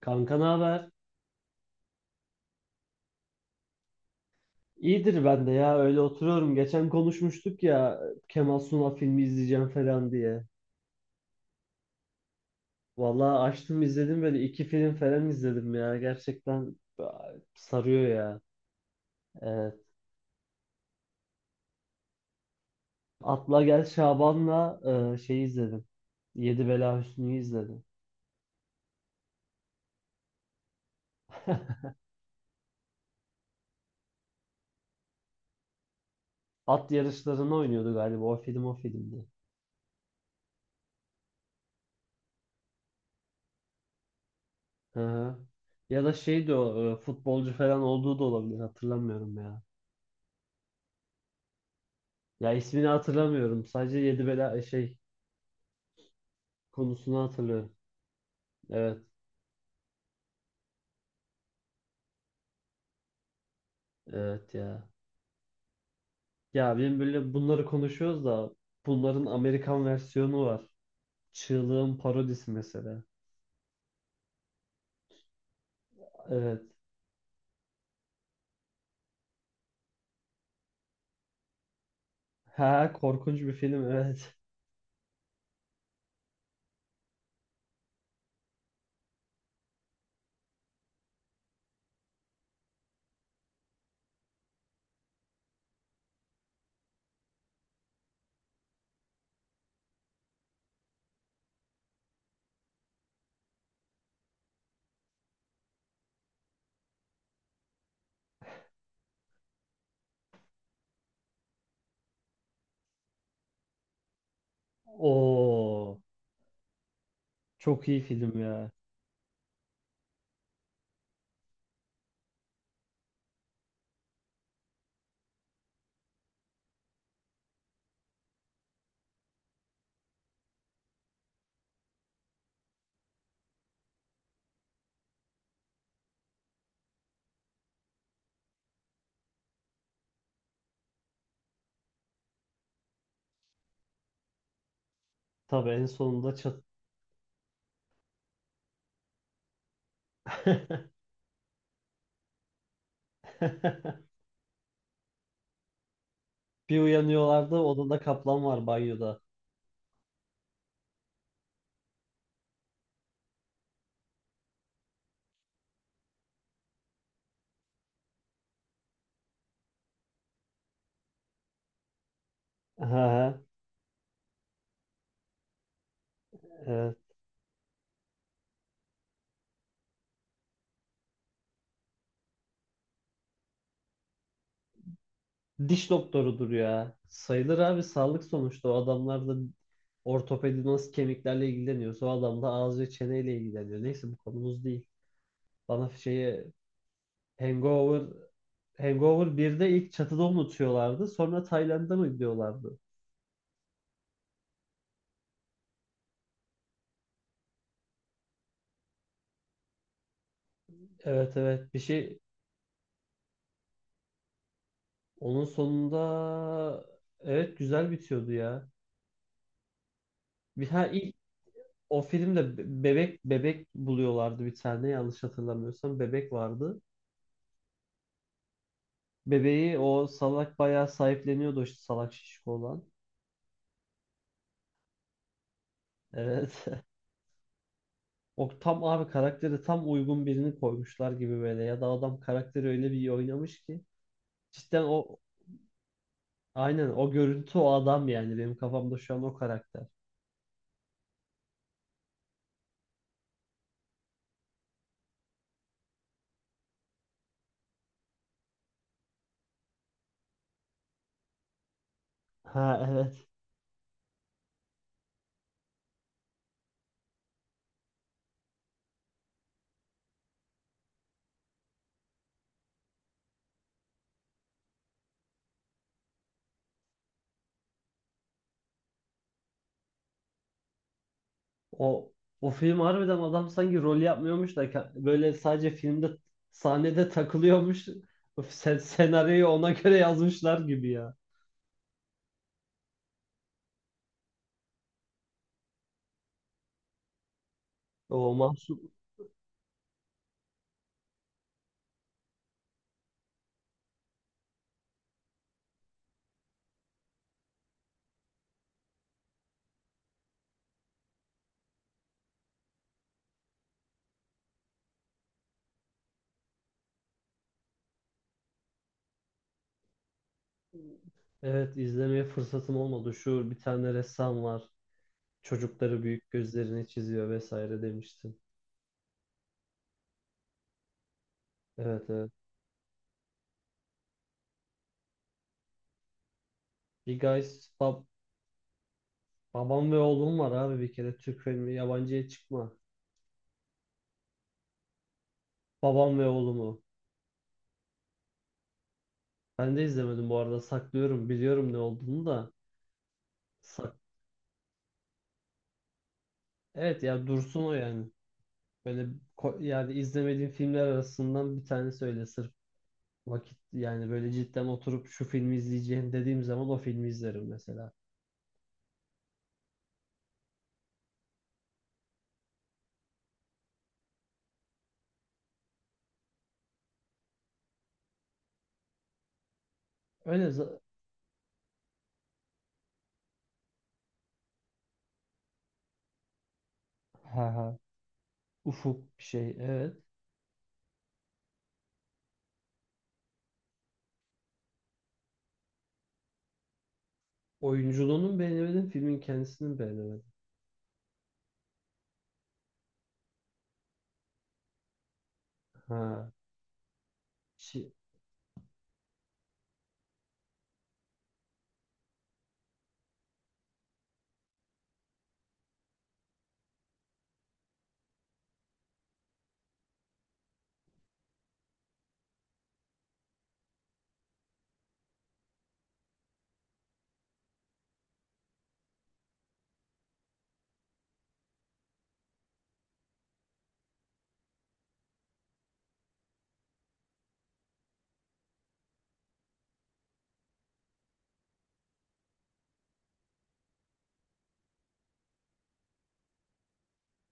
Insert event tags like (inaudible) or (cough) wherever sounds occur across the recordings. Kanka ne haber? İyidir ben de ya öyle oturuyorum. Geçen konuşmuştuk ya Kemal Sunal filmi izleyeceğim falan diye. Vallahi açtım izledim böyle iki film falan izledim ya. Gerçekten sarıyor ya. Evet. Atla Gel Şaban'la şey izledim. Yedi Bela Hüsnü'yü izledim. At yarışlarını oynuyordu galiba o o filmdi. Hı hı. Ya da şeydi o futbolcu falan olduğu da olabilir hatırlamıyorum ya. Ya ismini hatırlamıyorum. Sadece Yedi Bela şey konusunu hatırlıyorum. Evet, evet ya. Ya benim böyle bunları konuşuyoruz da bunların Amerikan versiyonu var. Çığlığın parodisi mesela. Evet. Ha korkunç bir film, evet. Oo, çok iyi film ya. Tabii en sonunda çat. (laughs) Bir uyanıyorlardı, odada kaplan var, banyoda. Ha, evet. Diş doktorudur ya. Sayılır abi, sağlık sonuçta, o adamlar da ortopedi nasıl kemiklerle ilgileniyorsa o adam da ağız ve çeneyle ilgileniyor. Neyse, bu konumuz değil. Bana şeyi Hangover Hangover birde ilk çatıda unutuyorlardı. Sonra Tayland'a mı gidiyorlardı? Evet evet, bir şey onun sonunda, evet, güzel bitiyordu ya. Bir ha ilk o filmde bebek buluyorlardı, bir tane, yanlış hatırlamıyorsam bebek vardı. Bebeği o salak bayağı sahipleniyordu işte, salak şişko olan. Evet. (laughs) O tam abi karakteri, tam uygun birini koymuşlar gibi, böyle ya da adam karakteri öyle bir iyi oynamış ki cidden o aynen o görüntü o adam, yani benim kafamda şu an o karakter. Ha, evet. O o film harbiden, adam sanki rol yapmıyormuş da böyle sadece filmde sahnede takılıyormuş. Öf, senaryoyu ona göre yazmışlar gibi ya. O mahsup. Evet, izlemeye fırsatım olmadı. Şu bir tane ressam var, çocukları büyük gözlerini çiziyor vesaire demiştin. Evet evet. Bir Guys babam ve oğlum var abi, bir kere Türk filmi, yabancıya çıkma. Babam ve oğlumu. Ben de izlemedim bu arada. Saklıyorum. Biliyorum ne olduğunu da. Sak evet ya, dursun o yani. Böyle yani izlemediğim filmler arasından bir tanesi, öyle sırf vakit, yani böyle cidden oturup şu filmi izleyeceğim dediğim zaman o filmi izlerim mesela. Öyle za- ha ha, ufuk bir şey evet. Oyunculuğunu mu beğenemedim, filmin kendisini mi beğenemedim. Ha. Şi-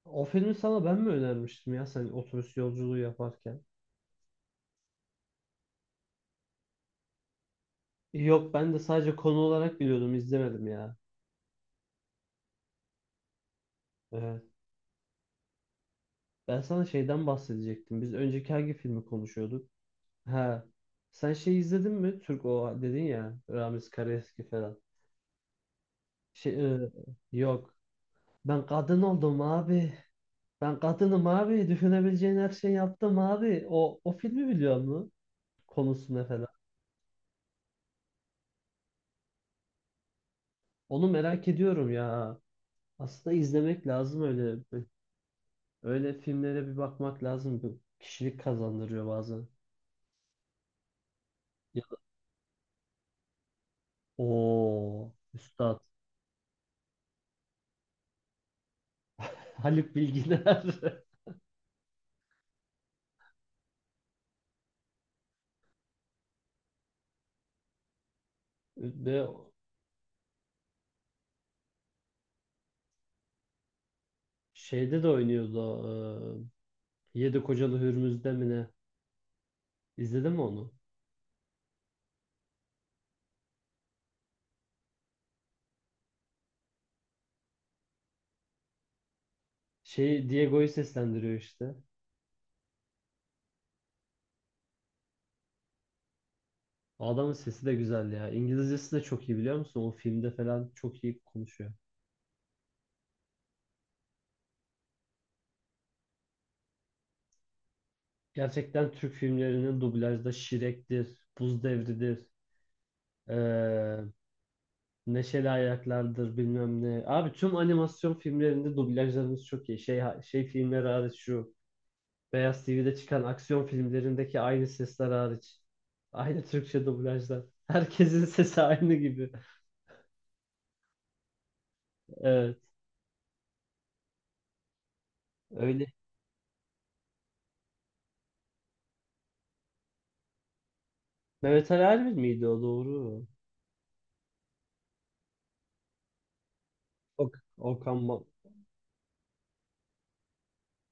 O filmi sana ben mi önermiştim ya sen otobüs yolculuğu yaparken? Yok, ben de sadece konu olarak biliyordum, izlemedim ya. Evet. Ben sana şeyden bahsedecektim. Biz önceki hangi filmi konuşuyorduk? Ha. Sen şey izledin mi? Türk, o dedin ya, Ramiz Karaeski falan. Şey, yok. Ben kadın oldum abi. Ben kadınım abi. Düşünebileceğin her şeyi yaptım abi. O, o filmi biliyor musun? Konusunu falan. Onu merak ediyorum ya. Aslında izlemek lazım öyle. Öyle filmlere bir bakmak lazım. Bu kişilik kazandırıyor bazen. Ya da... Oo, üstad. (laughs) Haluk Bilginer. (laughs) Ve şeyde de oynuyordu, o, Yedi Kocalı Hürmüz'de mi ne? İzledin mi onu? Şey, Diego'yu seslendiriyor işte. O adamın sesi de güzel ya. İngilizcesi de çok iyi, biliyor musun? O filmde falan çok iyi konuşuyor. Gerçekten Türk filmlerinin dublajda Şirek'tir, Buz Devri'dir, e, Neşeli Ayaklar'dır, bilmem ne. Abi tüm animasyon filmlerinde dublajlarımız çok iyi. Şey, şey filmleri hariç, şu Beyaz TV'de çıkan aksiyon filmlerindeki aynı sesler hariç. Aynı Türkçe dublajlar. (laughs) Herkesin sesi aynı gibi. Evet. Öyle. Mehmet Ali Erbil miydi o, doğru? Ok Okan ba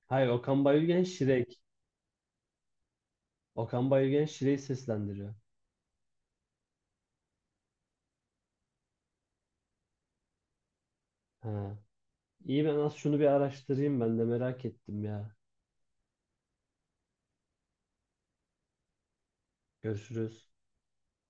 Hayır, Okan Bayülgen Şirek. Okan Bayülgen Şirek'i seslendiriyor. Ha. İyi, ben az şunu bir araştırayım, ben de merak ettim ya. Görüşürüz.